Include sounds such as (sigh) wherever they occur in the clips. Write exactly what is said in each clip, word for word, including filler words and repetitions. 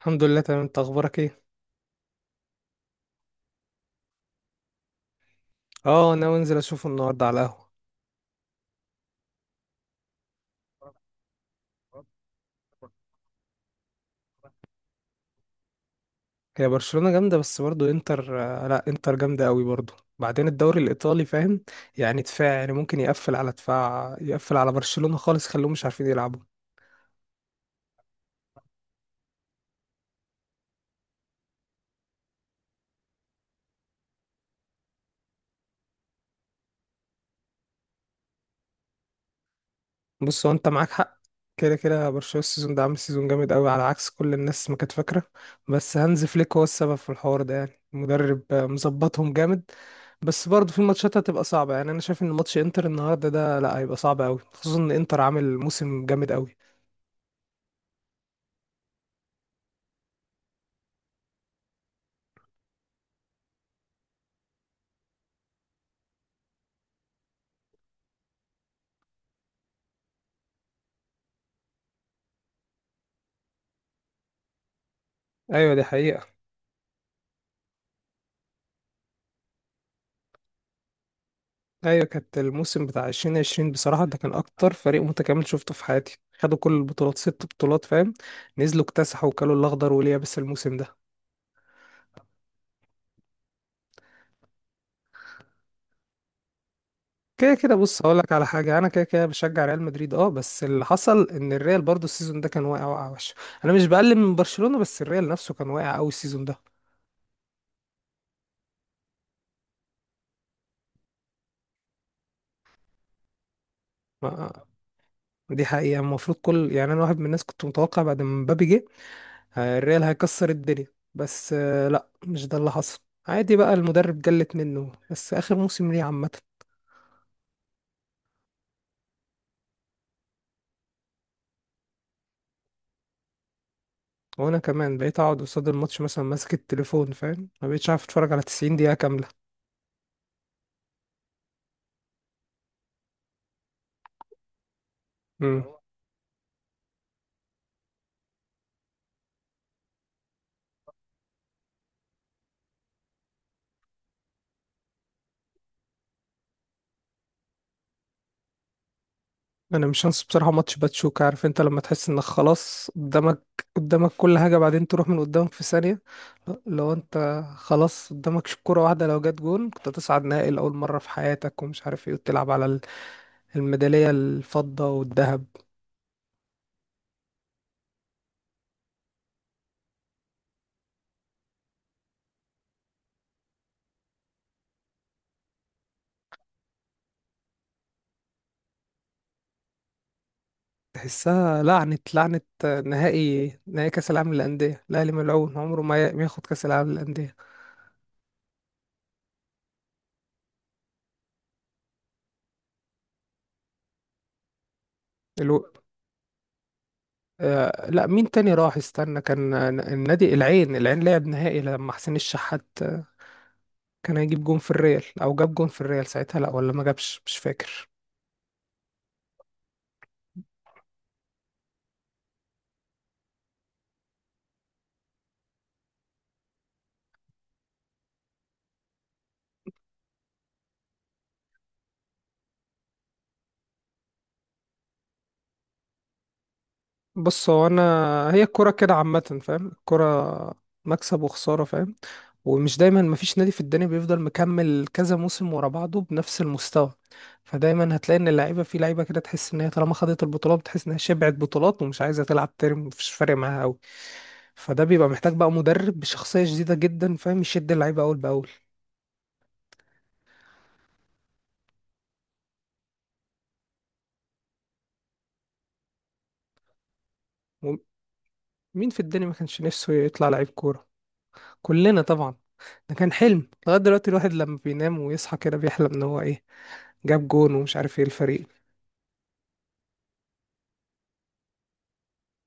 الحمد لله، تمام. انت اخبارك ايه؟ اه، ناوي انزل اشوفه النهارده على القهوه. هي برشلونه جامده، بس برضو انتر آه، لا، انتر جامده قوي برضو. بعدين الدوري الايطالي، فاهم؟ يعني دفاع، يعني ممكن يقفل على دفاع، يقفل على برشلونه خالص، خلوهم مش عارفين يلعبوا. بص، هو انت معاك حق. كده كده، برشلونة السيزون ده عامل سيزون جامد قوي على عكس كل الناس ما كانت فاكرة. بس هانز فليك هو السبب في الحوار ده، يعني مدرب آه، مظبطهم جامد. بس برضه في ماتشات هتبقى صعبة، يعني انا شايف ان ماتش انتر النهاردة ده، لا، هيبقى صعب قوي، خصوصا ان انتر عامل موسم جامد قوي. ايوه، دي حقيقة. ايوه، كانت الموسم بتاع الفين وعشرين بصراحة، ده كان اكتر فريق متكامل شفته في حياتي. خدوا كل البطولات، ست بطولات، فاهم؟ نزلوا اكتسحوا وكلوا الاخضر واليابس الموسم ده. كده كده، بص، هقول لك على حاجه. انا كده كده بشجع ريال مدريد، اه، بس اللي حصل ان الريال برضو السيزون ده كان واقع واقع وحش. انا مش بقلل من برشلونه، بس الريال نفسه كان واقع قوي السيزون ده. ما، دي حقيقه. المفروض كل، يعني، انا واحد من الناس كنت متوقع بعد ما مبابي جه. آه، الريال هيكسر الدنيا. بس آه، لا، مش ده اللي حصل. عادي بقى، المدرب جلت منه بس اخر موسم ليه عامه. وانا كمان بقيت اقعد قصاد الماتش مثلا ماسك التليفون، فاهم، ما بقتش عارف اتفرج على تسعين دقيقة دقيقه كامله. انا مش هنسى بصراحه ماتش باتشوكا. عارف انت لما تحس انك خلاص قدامك، قدامك كل حاجه، بعدين تروح من قدامك في ثانيه؟ لو انت خلاص قدامك ش- كره واحده لو جت جون، كنت تصعد نهائي لاول مره في حياتك ومش عارف ايه، وتلعب على ال- الميداليه الفضه والذهب. تحسها لعنه لعنه. نهائي نهائي كاس العالم للانديه، الاهلي ملعون عمره ما ي- ما ياخد كاس العالم للانديه. الو... آه لا، مين تاني راح؟ استنى، كان النادي العين العين لعب نهائي لما حسين الشحات كان هيجيب جون في الريال، او جاب جون في الريال ساعتها، لا ولا ما جابش، مش فاكر. بص، هو انا، هي الكرة كده عامة، فاهم؟ الكرة مكسب وخسارة، فاهم. ومش دايما، مفيش نادي في الدنيا بيفضل مكمل كذا موسم ورا بعضه بنفس المستوى. فدايما هتلاقي ان اللعيبة، في لعيبة كده تحس ان هي طالما خدت البطولات بتحس انها شبعت بطولات ومش عايزة تلعب تاني، مفيش فارق معاها قوي. فده بيبقى محتاج بقى مدرب بشخصية جديدة جدا، فاهم، يشد اللعيبة اول باول. ومين في الدنيا ما كانش نفسه يطلع لعيب كورة؟ كلنا طبعا. ده كان حلم. لغاية دلوقتي الواحد لما بينام ويصحى كده بيحلم ان هو ايه، جاب جون ومش عارف ايه الفريق.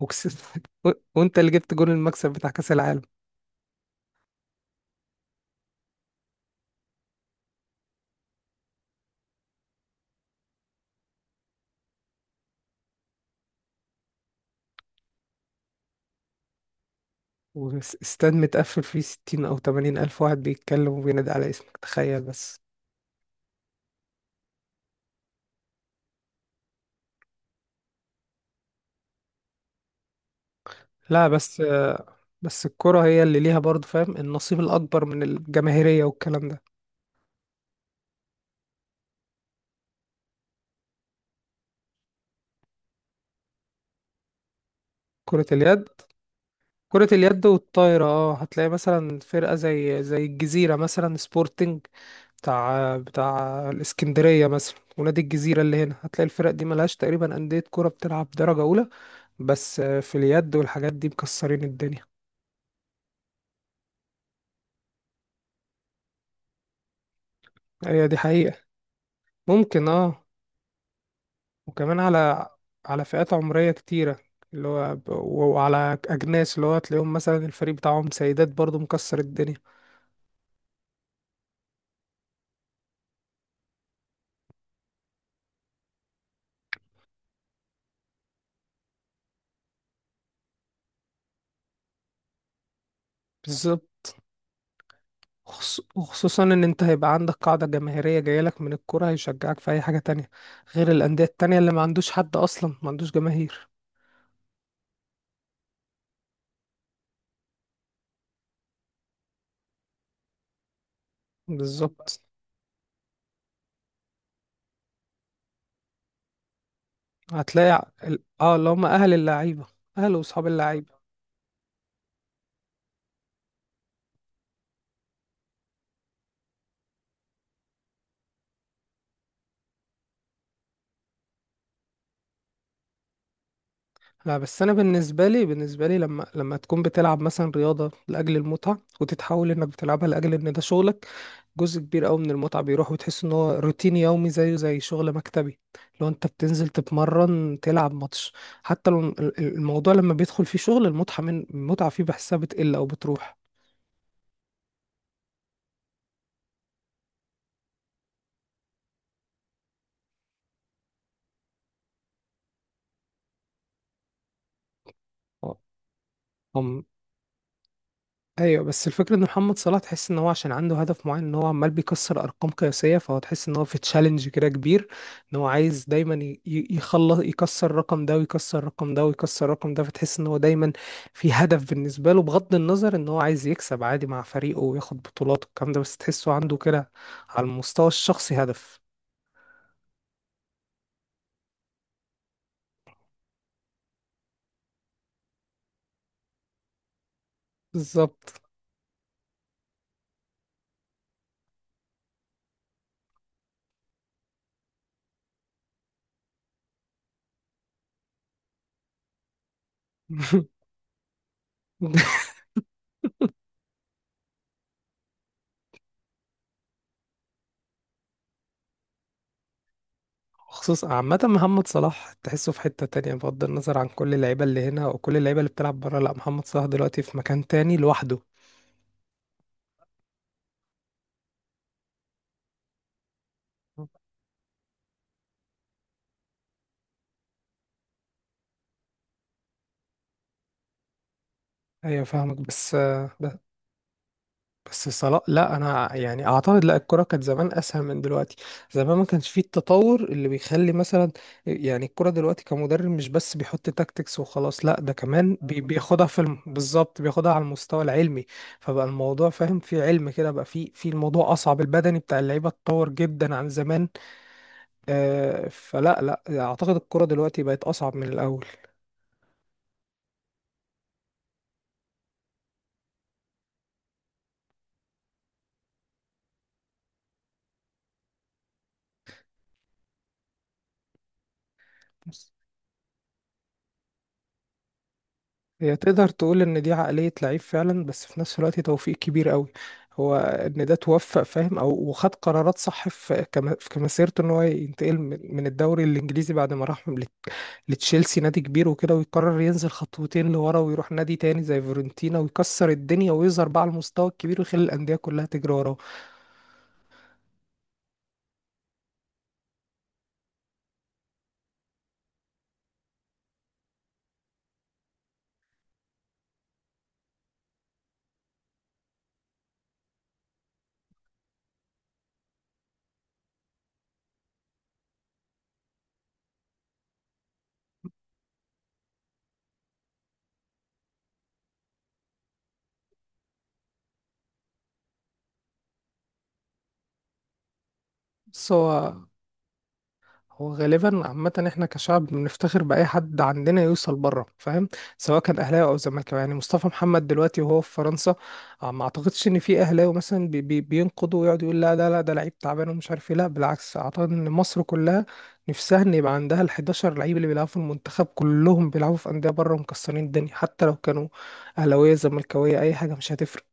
وكسبت (laughs) و- وانت اللي جبت جون المكسب بتاع كأس العالم. واستاد متقفل فيه ستين او تمانين الف واحد بيتكلم وبينادي على اسمك، تخيل بس. لا، بس بس الكرة هي اللي ليها برضه، فاهم، النصيب الأكبر من الجماهيرية والكلام ده. كرة اليد. كرة اليد والطايرة، اه، هتلاقي مثلا فرقة زي زي الجزيرة مثلا، سبورتنج بتاع بتاع الإسكندرية مثلا، ونادي الجزيرة اللي هنا. هتلاقي الفرق دي ملهاش تقريبا أندية كرة بتلعب درجة أولى. بس آه، في اليد والحاجات دي مكسرين الدنيا. هي دي حقيقة. ممكن، اه. وكمان على على فئات عمرية كتيرة، اللي هو ب- وعلى أجناس، اللي هو تلاقيهم مثلا الفريق بتاعهم سيدات برضو مكسر الدنيا. بالظبط. خص- وخصوصا ان انت هيبقى عندك قاعدة جماهيرية جايلك من الكرة هيشجعك في اي حاجة تانية، غير الاندية التانية اللي ما عندوش حد اصلا، ما عندوش جماهير. بالظبط. هتلاقي ع- ال- اه اللي هم اهل اللعيبة. اهل واصحاب اللعيبة. لا، بس انا بالنسبه لي بالنسبه لي، لما لما تكون بتلعب مثلا رياضه لاجل المتعه وتتحول انك بتلعبها لاجل ان ده شغلك، جزء كبير قوي من المتعه بيروح، وتحس ان هو روتين يومي زيه زي شغل مكتبي. لو انت بتنزل تتمرن تلعب ماتش، حتى لو ال- ال- الموضوع لما بيدخل فيه شغل، المتعه من المتعه فيه بحسها بتقل او بتروح. ايوه، بس الفكره ان محمد صلاح تحس ان هو عشان عنده هدف معين، ان هو عمال بيكسر ارقام قياسيه، فهو تحس ان هو في تشالنج كده كبير. ان هو عايز دايما ي- ي- يخلص يكسر الرقم ده ويكسر الرقم ده ويكسر الرقم ده، فتحس ان هو دايما في هدف بالنسبه له، بغض النظر ان هو عايز يكسب عادي مع فريقه وياخد بطولات والكلام ده، بس تحسه عنده كده على المستوى الشخصي هدف. بالظبط. (laughs) خصوصا عامة، محمد صلاح تحسه في حتة تانية بغض النظر عن كل اللعيبة اللي هنا وكل اللعيبة اللي بتلعب برا. لا، محمد صلاح دلوقتي في مكان تاني لوحده. أيوة، فاهمك، بس ب- بس صلاح، لا أنا يعني أعتقد لا، الكرة كانت زمان أسهل من دلوقتي. زمان ما كانش فيه التطور اللي بيخلي مثلا، يعني الكرة دلوقتي كمدرب مش بس بيحط تاكتكس وخلاص، لا ده كمان بي- بياخدها في الم... بالظبط بياخدها على المستوى العلمي. فبقى الموضوع، فاهم، فيه علم كده، بقى فيه في الموضوع أصعب. البدني بتاع اللعيبة اتطور جدا عن زمان. آه، فلا، لا اعتقد الكرة دلوقتي بقت اصعب من الاول. بس هي تقدر تقول ان دي عقلية لعيب فعلا، بس في نفس الوقت توفيق كبير قوي. هو ان ده توفق، فاهم، او وخد قرارات صح في كم- في مسيرته، ان هو ينتقل من من الدوري الانجليزي بعد ما راح لت- لتشيلسي، نادي كبير وكده، ويقرر ينزل خطوتين لورا، ويروح نادي تاني زي فيورنتينا ويكسر الدنيا ويظهر بقى على المستوى الكبير ويخلي الاندية كلها تجري وراه. بس هو هو غالبا عامة، احنا كشعب بنفتخر بأي حد عندنا يوصل بره، فاهم. سواء كان أهلاوي أو زملكاوي، يعني مصطفى محمد دلوقتي وهو في فرنسا، آه، ما أعتقدش إن في أهلاوي مثلا بي بي بينقضوا ويقعد يقول لا ده لا ده لعيب تعبان ومش عارف إيه. لا بالعكس، أعتقد إن مصر كلها نفسها إن يبقى عندها ال حداشر لعيب اللي بيلعبوا في المنتخب، كلهم بيلعبوا في أندية بره ومكسرين الدنيا، حتى لو كانوا أهلاوية زملكاوية، أي حاجة مش هتفرق.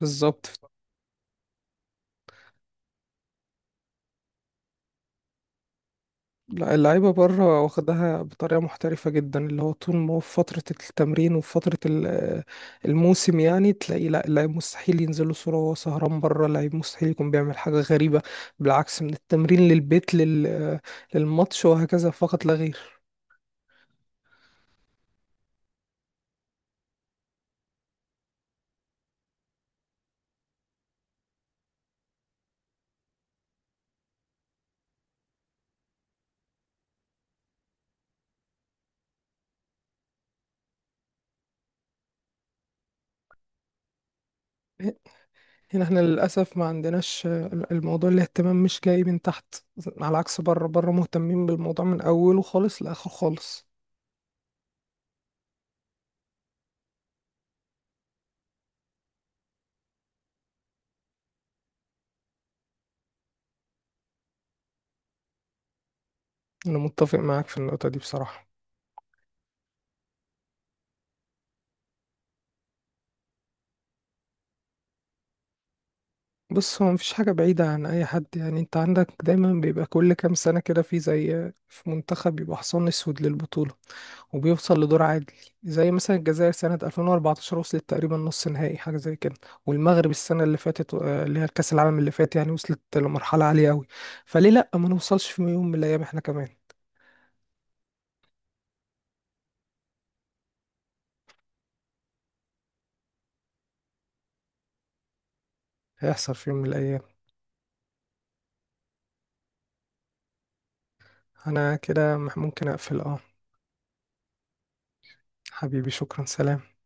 بالظبط. لا، اللعيبة بره واخدها بطريقة محترفة جدا، اللي هو طول ما هو في فترة التمرين وفي فترة ال- الموسم، يعني تلاقي، لا، اللعيب مستحيل ينزل له صورة وهو سهران بره، اللعيب مستحيل يكون بيعمل حاجة غريبة. بالعكس، من التمرين للبيت لل... للماتش، وهكذا فقط لا غير. هنا احنا للأسف ما عندناش، الموضوع الاهتمام مش جاي من تحت، على عكس بره. بره مهتمين بالموضوع من أوله خالص لآخر خالص. أنا متفق معاك في النقطة دي بصراحة. بص هو مفيش حاجة بعيدة عن أي حد، يعني أنت عندك دايما بيبقى كل كام سنة كده في، زي في منتخب بيبقى حصان أسود للبطولة وبيوصل لدور عادل. زي مثلا الجزائر سنة ألفين واربعتاشر وصلت تقريبا نص نهائي، حاجة زي كده. والمغرب السنة اللي فاتت، آه، اللي هي الكأس العالم اللي فات، يعني وصلت لمرحلة عالية أوي. فليه لأ ما نوصلش في يوم من الأيام إحنا كمان؟ هيحصل في يوم من الأيام. أنا كده مح- ممكن أقفل، أه. حبيبي، شكرا، سلام.